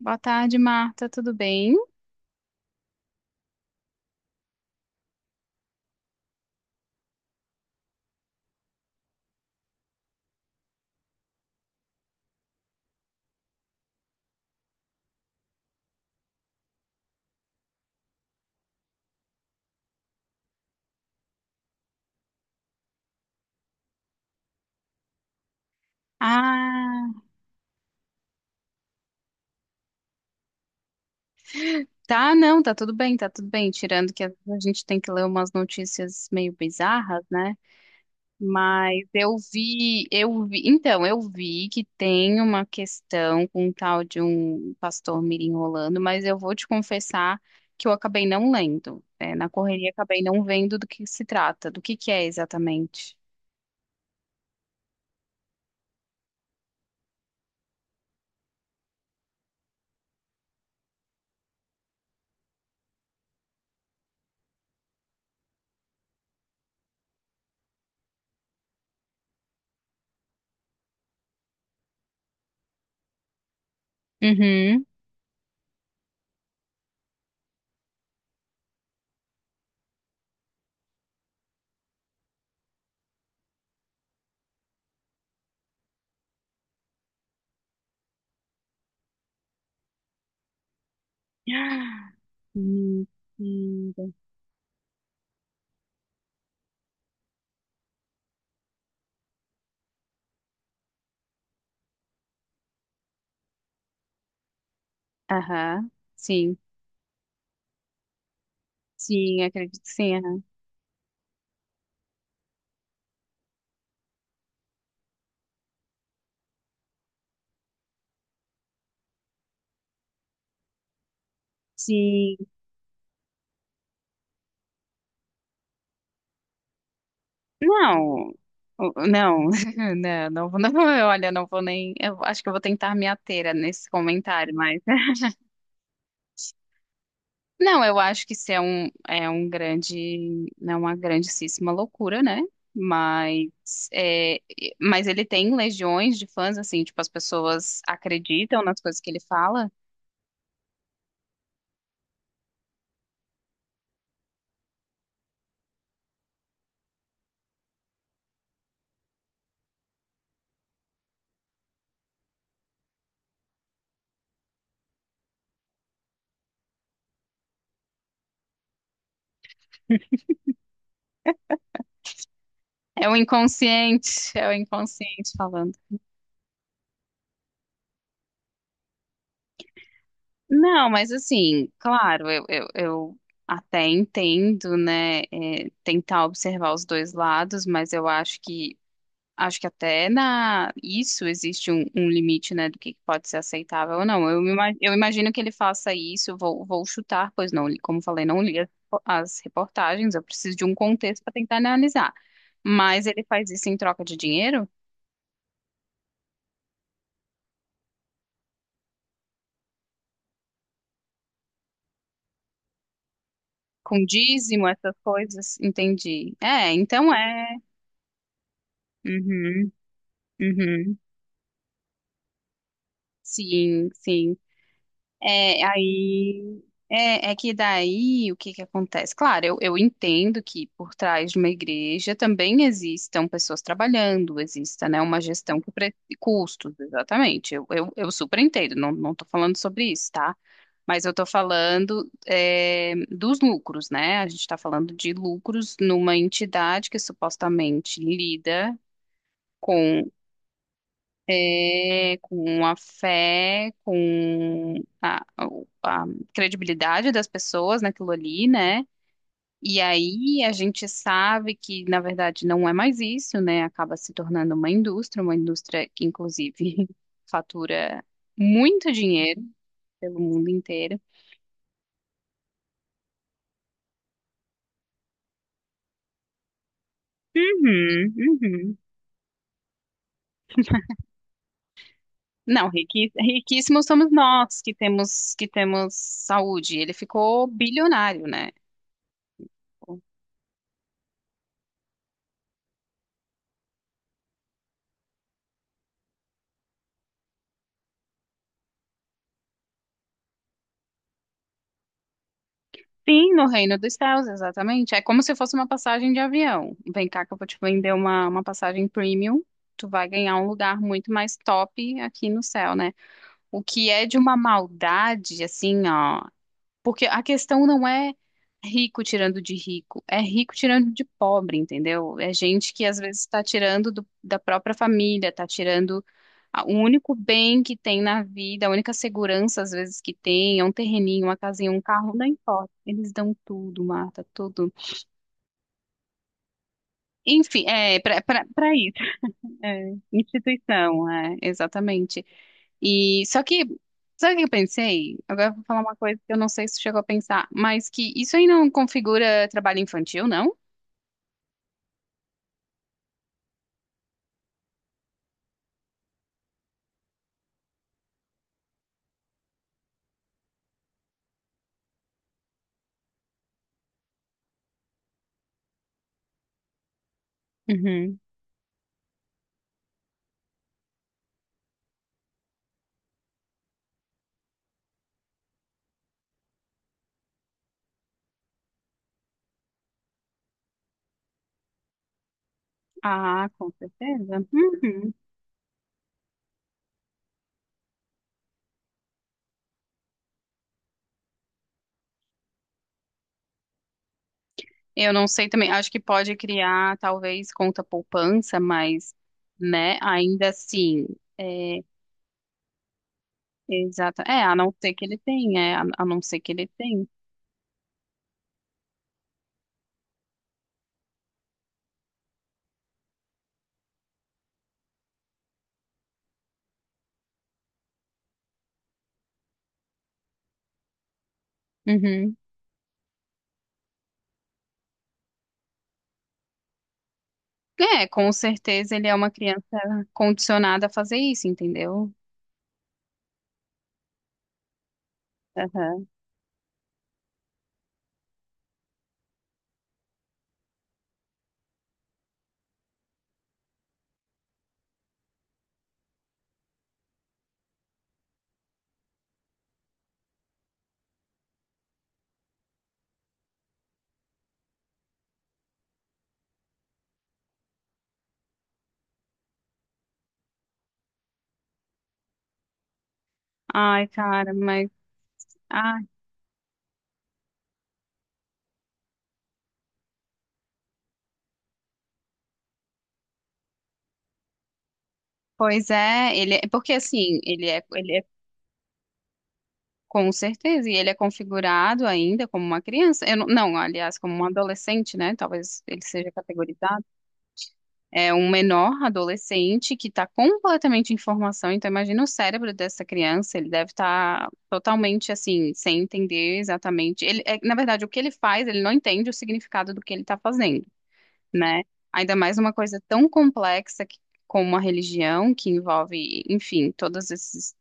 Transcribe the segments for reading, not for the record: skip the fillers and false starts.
Boa tarde, Marta. Tudo bem? Ah, tá, não, tá tudo bem, tá tudo bem. Tirando que a gente tem que ler umas notícias meio bizarras, né? Mas eu vi, então, eu vi que tem uma questão com um tal de um pastor mirim rolando, mas eu vou te confessar que eu acabei não lendo. É, na correria acabei não vendo do que se trata, do que é exatamente. Uhum. Mentira. Aham, sim. Sim, acredito que sim. Aham. Sim. Não. O- Não, não, não, vou- não, vou- Olha, não vou nem. Eu acho que eu vou tentar me ater a nesse comentário, mas. Não, eu acho que isso é é um grande, não é uma grandíssima loucura, né? Mas, mas ele tem legiões de fãs, assim, tipo, as pessoas acreditam nas coisas que ele fala. É o inconsciente, é o inconsciente falando. Não, mas assim, claro, eu até entendo, né, é, tentar observar os dois lados, mas eu acho que até na isso existe um limite, né, do que pode ser aceitável ou não. Eu imagino que ele faça isso, vou chutar, pois não, como falei, não li as, as reportagens, eu preciso de um contexto para tentar analisar. Mas ele faz isso em troca de dinheiro? Com dízimo, essas coisas, entendi. É, então é. Uhum, uhum. Sim, sim. É, aí é que daí o que acontece? Claro, eu entendo que por trás de uma igreja também existam pessoas trabalhando, exista, né, uma gestão que custos, exatamente. Eu super entendo, não, não tô falando sobre isso, tá? Mas eu tô falando é, dos lucros, né? A gente está falando de lucros numa entidade que supostamente lida com é, com a fé, com a, a credibilidade das pessoas naquilo ali, né? E aí a gente sabe que, na verdade, não é mais isso, né? Acaba se tornando uma indústria que, inclusive, fatura muito dinheiro pelo mundo inteiro. Uhum, uhum. Não, riquíssimos somos nós que temos saúde. Ele ficou bilionário, né? Sim, no Reino dos Céus, exatamente. É como se fosse uma passagem de avião. Vem cá que eu vou te vender uma passagem premium. Tu vai ganhar um lugar muito mais top aqui no céu, né? O que é de uma maldade, assim, ó. Porque a questão não é rico tirando de rico, é rico tirando de pobre, entendeu? É gente que às vezes está tirando da própria família, está tirando o único bem que tem na vida, a única segurança às vezes que tem, é um terreninho, uma casinha, um carro, não importa. Eles dão tudo, Marta, tudo. Enfim, é para isso. É, instituição, é, exatamente. E só que, sabe o que eu pensei? Agora eu vou falar uma coisa que eu não sei se chegou a pensar, mas que isso aí não configura trabalho infantil, não? Uhum. Ah, com certeza. Uhum. Eu não sei também, acho que pode criar talvez conta poupança, mas, né, ainda assim, é, exato. É, a não ser que ele tenha, é, a não ser que ele tenha. Uhum. É, com certeza ele é uma criança condicionada a fazer isso, entendeu? Aham. Ai, cara, mas. Ai, pois é, ele é porque assim, ele é com certeza, e ele é configurado ainda como uma criança. Eu não, aliás, como um adolescente, né? Talvez ele seja categorizado. É um menor adolescente que está completamente em formação. Então, imagina o cérebro dessa criança, ele deve estar totalmente assim, sem entender exatamente. Ele, é, na verdade, o que ele faz, ele não entende o significado do que ele está fazendo, né? Ainda mais uma coisa tão complexa que como uma religião que envolve, enfim, todos esses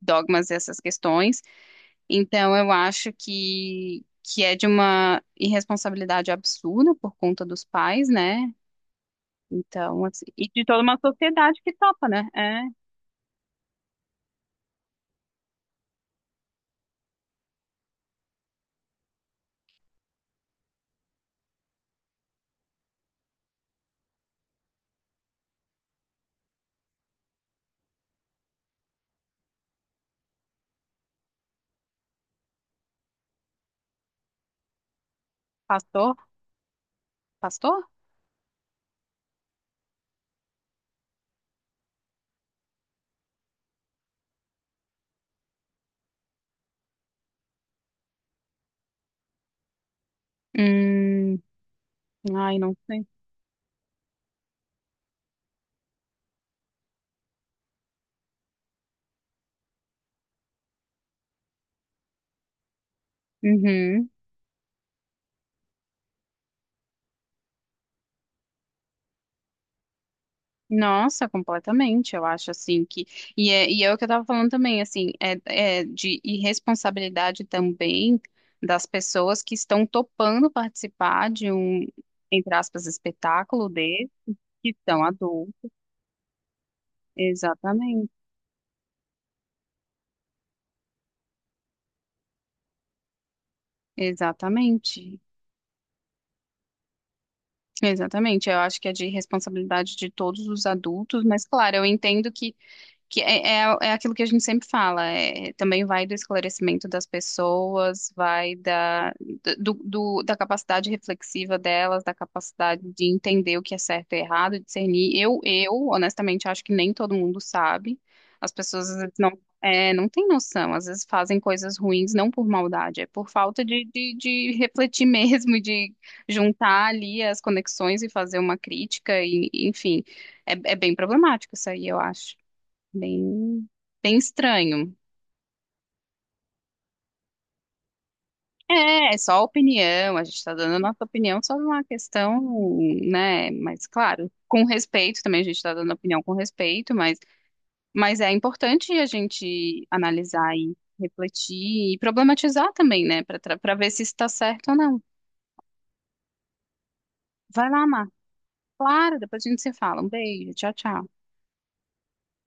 dogmas e essas questões. Então, eu acho que é de uma irresponsabilidade absurda por conta dos pais, né? Então, assim, e de toda uma sociedade que topa, né? É, pastor, pastor? Hum, ai, não sei. Uhum. Nossa, completamente. Eu acho assim que. E e é o que eu tava falando também, assim, é de irresponsabilidade também das pessoas que estão topando participar de um, entre aspas, espetáculo. Que são a dor. Exatamente, exatamente. Exatamente, eu acho que é de responsabilidade de todos os adultos, mas claro, eu entendo que é, é aquilo que a gente sempre fala, é, também vai do esclarecimento das pessoas, vai da, da capacidade reflexiva delas, da capacidade de entender o que é certo e errado, discernir. Eu, honestamente, acho que nem todo mundo sabe. As pessoas às vezes, não, é, não têm noção, às vezes fazem coisas ruins não por maldade, é por falta de refletir mesmo, de juntar ali as conexões e fazer uma crítica, e, enfim, é, é bem problemático isso aí, eu acho. Bem, bem estranho. É, é só a opinião, a gente está dando a nossa opinião sobre uma questão, né? Mas, claro, com respeito também, a gente está dando opinião com respeito, mas é importante a gente analisar e refletir e problematizar também, né? Para ver se está certo ou não. Vai lá, Mar. Claro, depois a gente se fala. Um beijo, tchau, tchau.